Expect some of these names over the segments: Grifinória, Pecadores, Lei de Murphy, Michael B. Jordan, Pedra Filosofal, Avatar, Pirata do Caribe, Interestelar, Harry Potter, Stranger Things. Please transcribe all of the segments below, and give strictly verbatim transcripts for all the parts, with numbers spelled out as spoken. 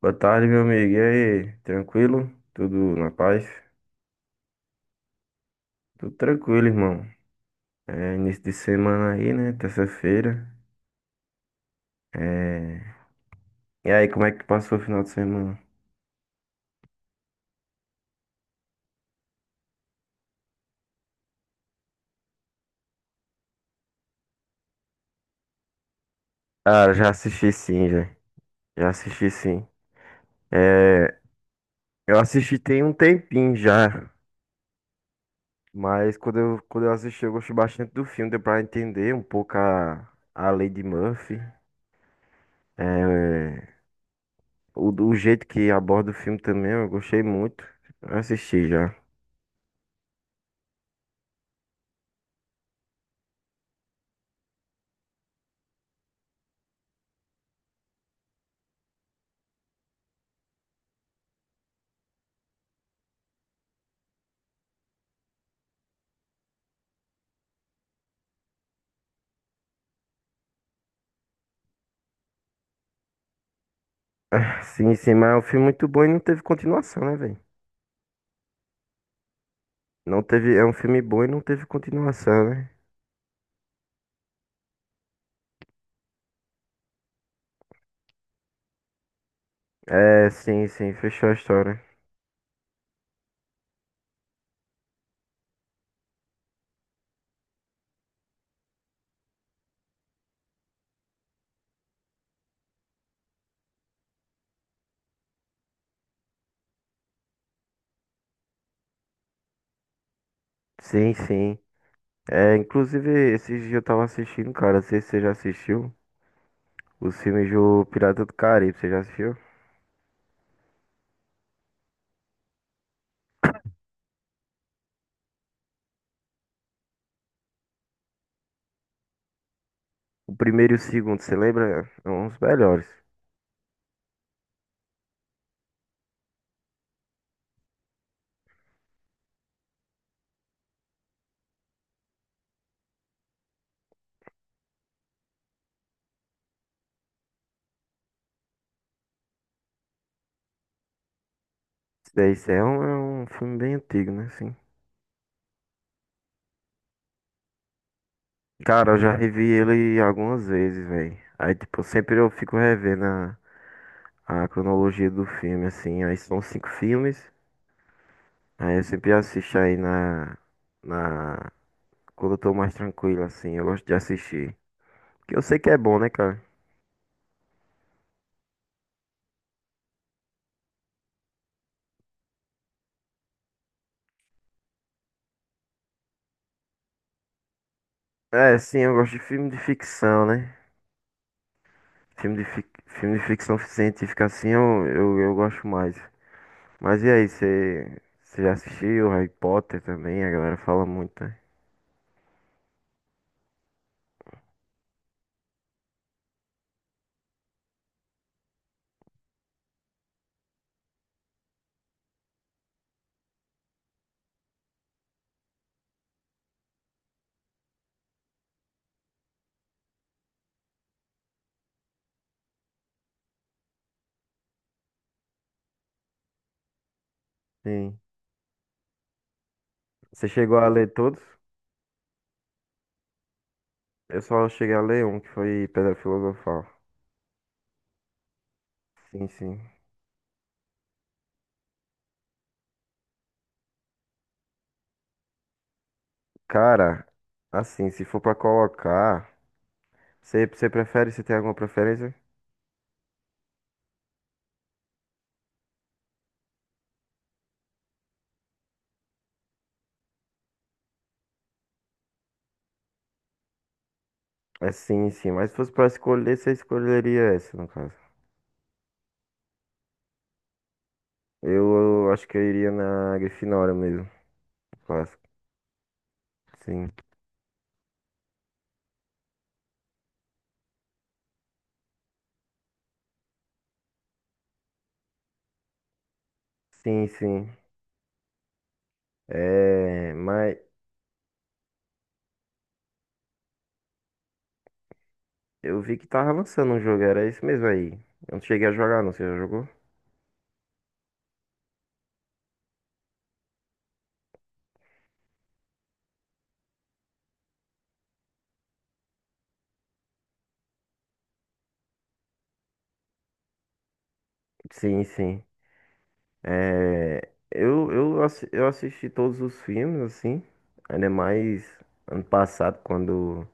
Boa tarde, meu amigo. E aí, tranquilo? Tudo na paz? Tudo tranquilo, irmão. É início de semana aí, né? Terça-feira. É... E aí, como é que passou o final de semana? Cara, já assisti sim, já. Já assisti sim. É... Eu assisti tem um tempinho já. Mas quando eu, quando eu assisti, eu gostei bastante do filme. Deu pra entender um pouco a, a Lei de Murphy. É... O, o jeito que aborda o filme também, eu gostei muito. Eu assisti já. Sim, sim, mas é um filme muito bom e não teve continuação, né, velho? Não teve, é um filme bom e não teve continuação, né? É, sim, sim, fechou a história. Sim, sim. É, inclusive, esses dias eu tava assistindo, cara, não sei se você já assistiu, os filmes do Pirata do Caribe, você já assistiu? O primeiro e o segundo, você lembra? É um dos melhores. Esse daí, esse é um, é um filme bem antigo, né, assim. Cara, eu já revi ele algumas vezes, velho. Aí, tipo, sempre eu fico revendo a, a cronologia do filme, assim. Aí são cinco filmes. Aí eu sempre assisto aí na, na, quando eu tô mais tranquilo, assim, eu gosto de assistir. Porque eu sei que é bom, né, cara? É, sim, eu gosto de filme de ficção, né? Filme de, fic... filme de ficção científica, assim, eu, eu, eu gosto mais. Mas e aí, você, você já assistiu Harry Potter também? A galera fala muito, né? Sim. Você chegou a ler todos? Eu só cheguei a ler um, que foi Pedra Filosofal. Sim, sim. Cara, assim, se for pra colocar, você, você prefere, você tem alguma preferência? É sim, sim. Mas se fosse pra escolher, você escolheria essa, no caso. Eu, eu acho que eu iria na Grifinória mesmo. Clássico. Sim. Sim, sim. É, mas eu vi que tava lançando um jogo, era isso mesmo aí. Eu não cheguei a jogar, não. Você já jogou? Sim, sim. É, eu, eu, assi- eu assisti todos os filmes, assim. Ainda mais ano passado, quando,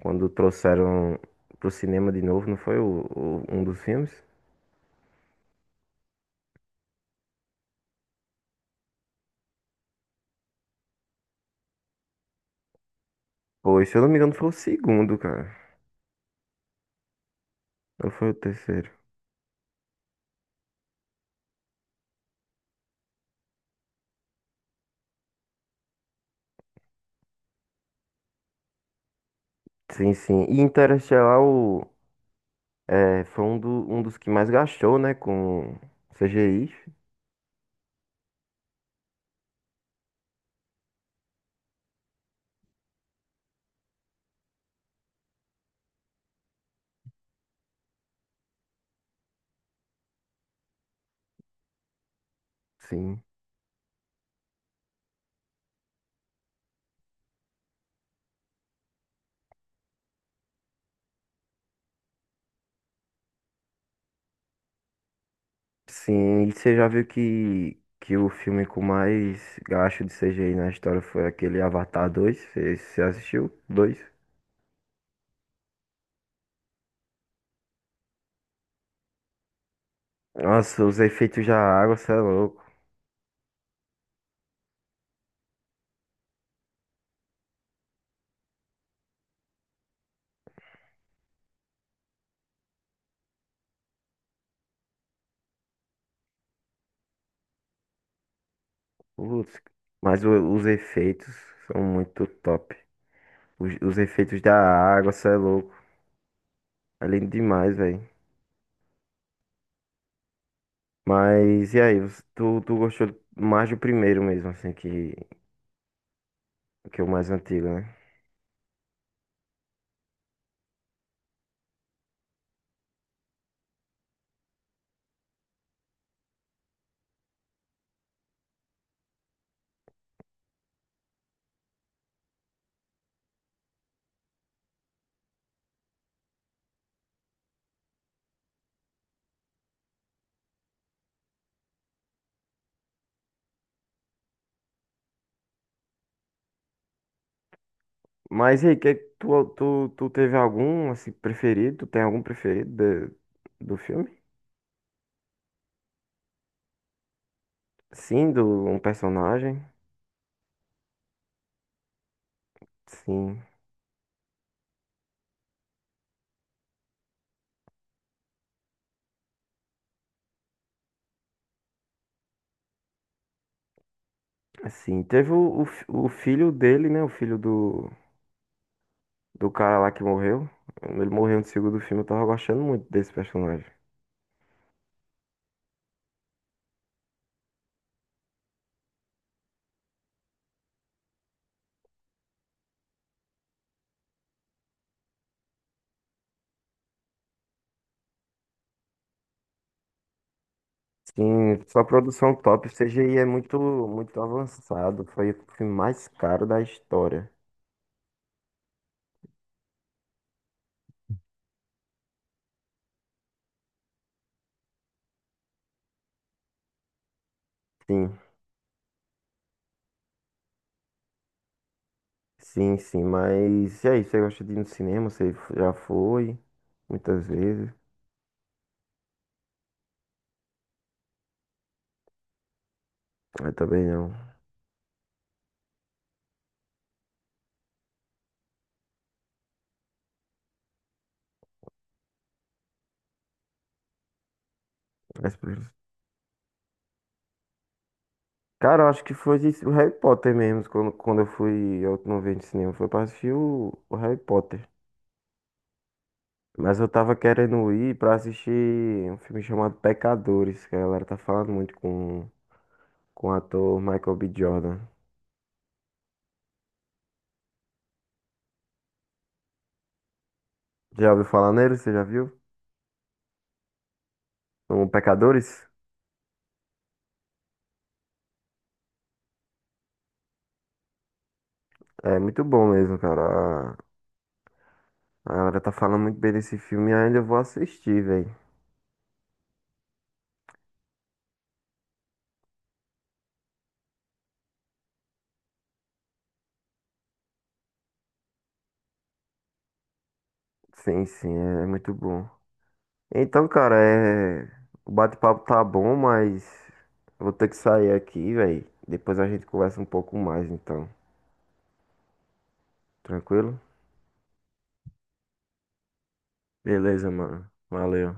quando trouxeram pro cinema de novo, não foi o, o- um dos filmes? Pois, se eu não me engano, foi o segundo, cara. Ou foi o terceiro? Sim, sim. E Interestelar o, é, foi um, do- um dos que mais gastou, né? Com C G I. Sim. Sim, e você já viu que, que o filme com mais gasto de C G I na história foi aquele Avatar dois. Você, você assistiu? Dois? Nossa, os efeitos da água, você é louco. Putz, mas o- os efeitos são muito top. Os, os efeitos da água, você é louco. É lindo demais, velho. Mas e aí, você- tu, tu gostou mais do primeiro mesmo, assim, que, que é o mais antigo, né? Mas e aí, que, tu, tu, tu teve algum, assim, preferido? Tu tem algum preferido de- do filme? Sim, do um personagem? Sim, assim. Teve o, o, fi- o filho dele, né? O filho do, do cara lá que morreu. Ele morreu no segundo filme, eu tava gostando muito desse personagem. Sim, só produção top, o C G I é muito, muito avançado. Foi o filme mais caro da história. Sim. Sim, sim, mas e aí, você gosta de ir no cinema? Você já foi muitas vezes? Eu também não. Mas, cara, eu acho que foi isso, o Harry Potter mesmo. Quando, quando eu fui a última vez no cinema, foi pra assistir o, o Harry Potter. Mas eu tava querendo ir pra assistir um filme chamado Pecadores, que a galera tá falando muito com, com o ator Michael B. Jordan. Já ouviu falar nele? Você já viu? O Pecadores? É muito bom mesmo, cara. A a galera tá falando muito bem desse filme e ainda eu vou assistir, velho. Sim, sim, é é muito bom. Então, cara, é... o bate-papo tá bom, mas eu vou ter que sair aqui, velho. Depois a gente conversa um pouco mais, então. Tranquilo? Beleza, mano. Valeu.